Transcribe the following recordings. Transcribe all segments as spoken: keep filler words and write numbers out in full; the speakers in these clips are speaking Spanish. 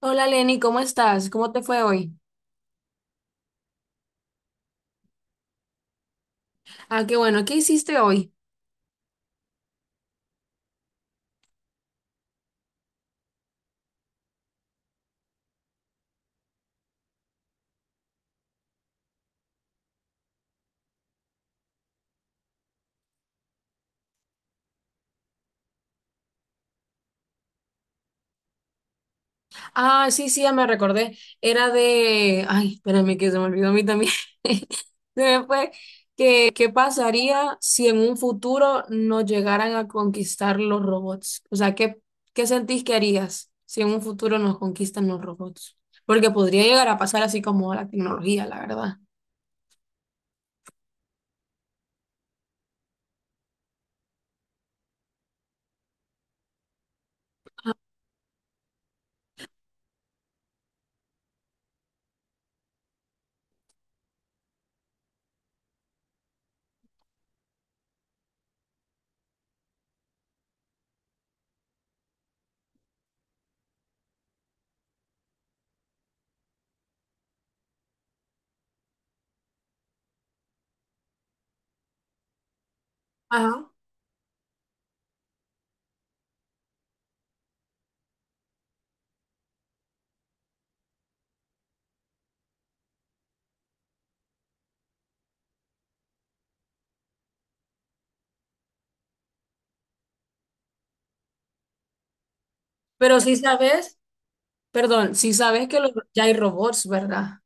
Hola Lenny, ¿cómo estás? ¿Cómo te fue hoy? Ah, qué bueno, ¿qué hiciste hoy? Ah, sí, sí, ya me recordé. Era de... Ay, espérame que se me olvidó a mí también. Se me fue. ¿Qué, qué pasaría si en un futuro nos llegaran a conquistar los robots? O sea, ¿qué, qué sentís que harías si en un futuro nos conquistan los robots? Porque podría llegar a pasar así como la tecnología, la verdad. Ajá. Pero si sabes, perdón, si sabes que los- ya hay robots, ¿verdad?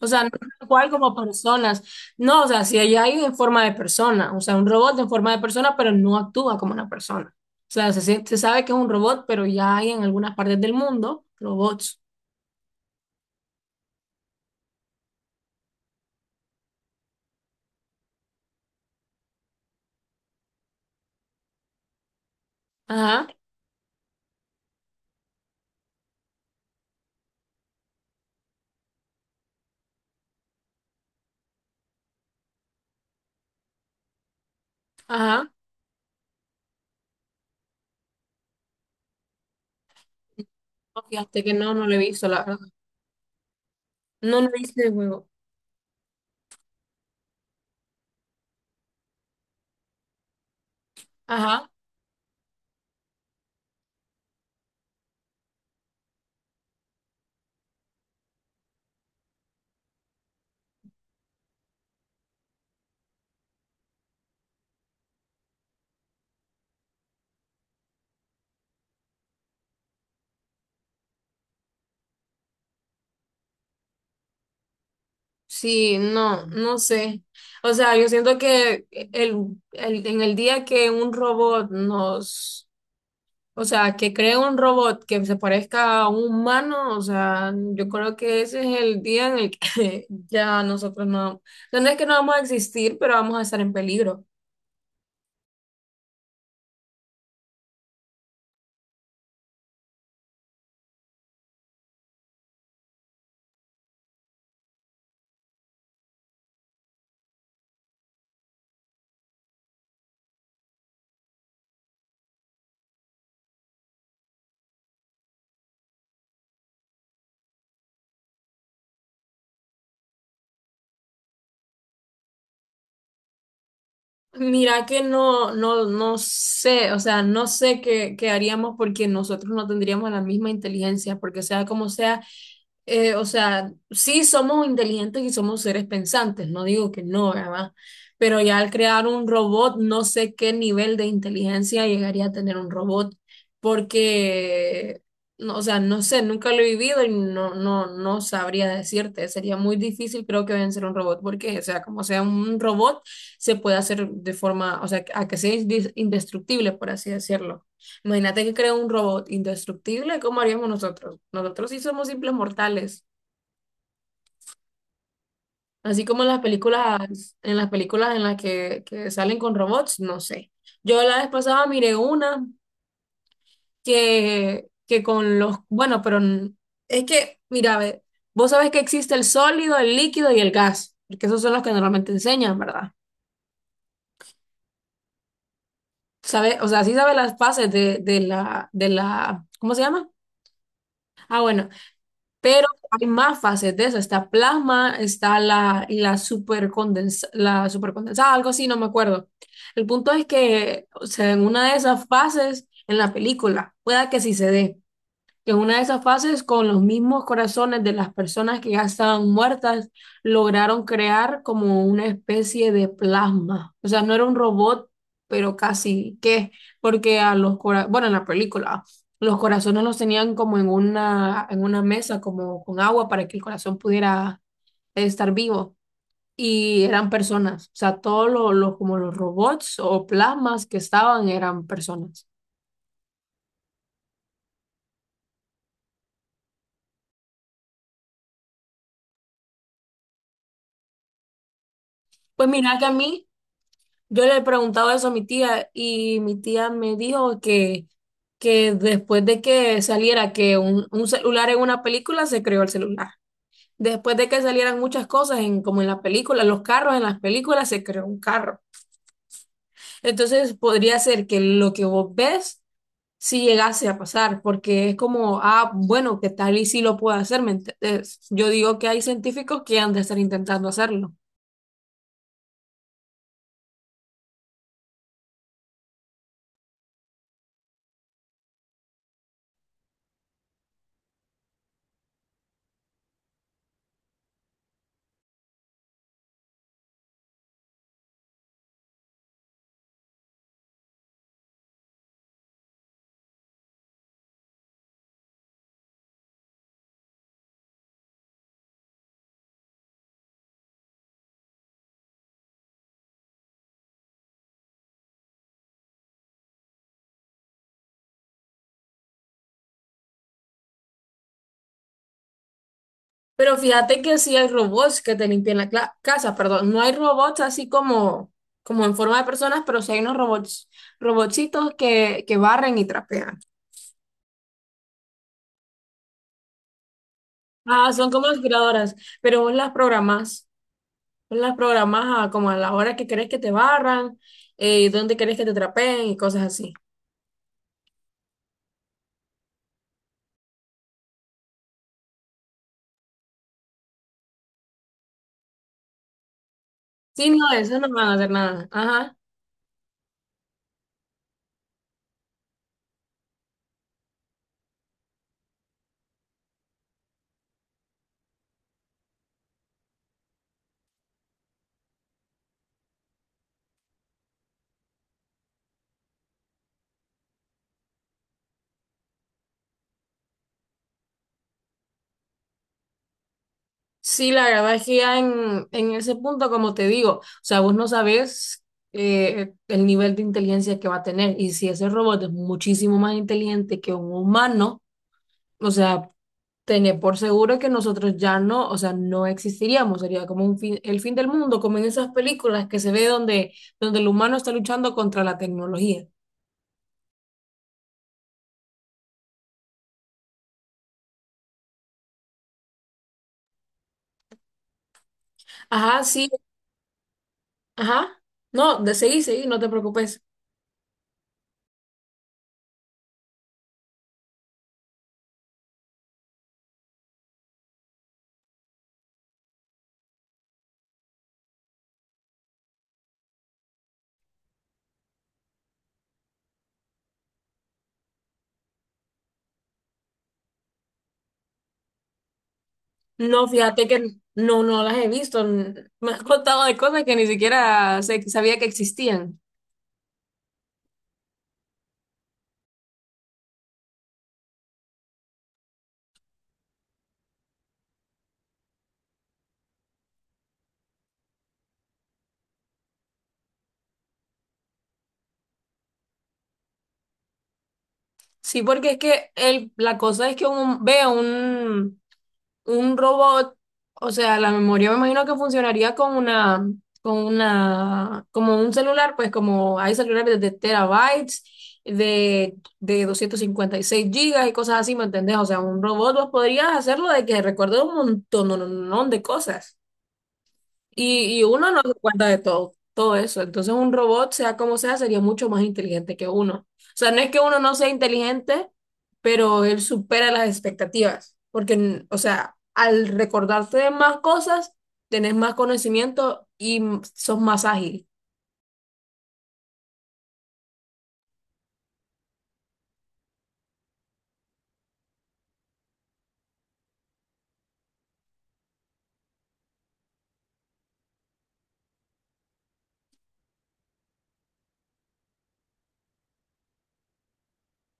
O sea, no tal cual como personas. No, o sea, si allá hay en forma de persona, o sea, un robot en forma de persona, pero no actúa como una persona. O sea, se, sien- se sabe que es un robot, pero ya hay en algunas partes del mundo robots. Ajá, ajá. No, fíjate que no, no lo he visto, la verdad. No lo he visto el juego. Ajá. Sí, no, no sé. O sea, yo siento que el, el, en el día que un robot nos... O sea, que cree un robot que se parezca a un humano, o sea, yo creo que ese es el día en el que ya nosotros no, no es que no vamos a existir, pero vamos a estar en peligro. Mira que no, no, no sé, o sea, no sé qué, qué haríamos porque nosotros no tendríamos la misma inteligencia, porque sea como sea, eh, o sea, sí somos inteligentes y somos seres pensantes, no digo que no, ¿verdad? Pero ya al crear un robot, no sé qué nivel de inteligencia llegaría a tener un robot, porque, no, o sea, no sé, nunca lo he vivido y no, no, no sabría decirte, sería muy difícil creo que vencer a un robot, porque, o sea, como sea un robot se puede hacer de forma, o sea, a que sea inde- indestructible, por así decirlo. Imagínate que crea un robot indestructible, ¿cómo haríamos nosotros? Nosotros sí somos simples mortales, así como en las películas, en las películas en las que, que salen con robots, no sé. Yo la vez pasada miré una que, que con los, bueno, pero n- es que, mira, ve, vos sabés que existe el sólido, el líquido y el gas, porque esos son los que normalmente enseñan, ¿verdad? Sabe, o sea, sí sabe las fases de, de la, de la, ¿cómo se llama? Ah, bueno, pero hay más fases de eso. Está plasma, está la, la supercondensa, la supercondensada, algo así, no me acuerdo. El punto es que, o sea, en una de esas fases en la película, pueda que sí se dé. En una de esas fases, con los mismos corazones de las personas que ya estaban muertas, lograron crear como una especie de plasma. O sea, no era un robot, pero casi que, porque a los corazones, bueno, en la película, los corazones los tenían como en una, en una mesa, como con agua para que el corazón pudiera estar vivo. Y eran personas, o sea, todos los, los- como los robots o plasmas que estaban eran personas. Pues mira que a mí... Yo le he preguntado eso a mi tía y mi tía me dijo que, que después de que saliera que un, un celular en una película, se creó el celular. Después de que salieran muchas cosas en, como en las películas, los carros en las películas, se creó un carro. Entonces podría ser que lo que vos ves si llegase a pasar, porque es como, ah, bueno, que tal y si lo puede hacer, ¿me entendés? Yo digo que hay científicos que han de estar intentando hacerlo. Pero fíjate que sí hay robots que te limpian la cla- casa, perdón. No hay robots así como, como en forma de personas, pero sí hay unos robots, robotcitos que, que barren y trapean. Ah, son como aspiradoras, pero vos las programás. Vos las programás a como a la hora que querés que te barran, eh, dónde querés que te trapeen y cosas así. Sí, no, eso no van a hacer nada. Ajá. Sí, la verdad es que ya en, en ese punto, como te digo, o sea, vos no sabes eh, el nivel de inteligencia que va a tener y si ese robot es muchísimo más inteligente que un humano, o sea, tener por seguro que nosotros ya no, o sea, no existiríamos, sería como un fin, el fin del mundo, como en esas películas que se ve donde, donde el humano está luchando contra la tecnología. Ajá, sí, ajá. No, de seguí, seguí, no te preocupes. No, fíjate que no, no las he visto. N- Me has contado de cosas que ni siquiera sé- sabía que existían. Sí, porque es que el, la cosa es que uno ve un... Un robot, o sea, la memoria me imagino que funcionaría con una, con una, como un celular, pues como hay celulares de terabytes, de, de doscientos cincuenta y seis gigas y cosas así, ¿me entendés? O sea, un robot vos podrías hacerlo de que recuerde un montón, no, no, no, de cosas. Y, y uno no se cuenta de todo, todo eso. Entonces un robot, sea como sea, sería mucho más inteligente que uno. O sea, no es que uno no sea inteligente, pero él supera las expectativas. Porque, o sea, al recordarte de más cosas, tenés más conocimiento y m- sos más ágil.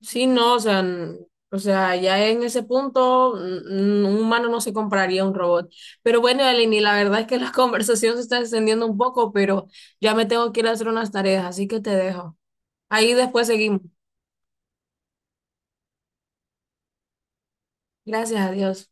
Sí, no, o sea, n- o sea, ya en ese punto, n- n- un humano no se compraría un robot. Pero bueno, Eleni, la verdad es que la conversación se está extendiendo un poco, pero ya me tengo que ir a hacer unas tareas, así que te dejo. Ahí después seguimos. Gracias a Dios.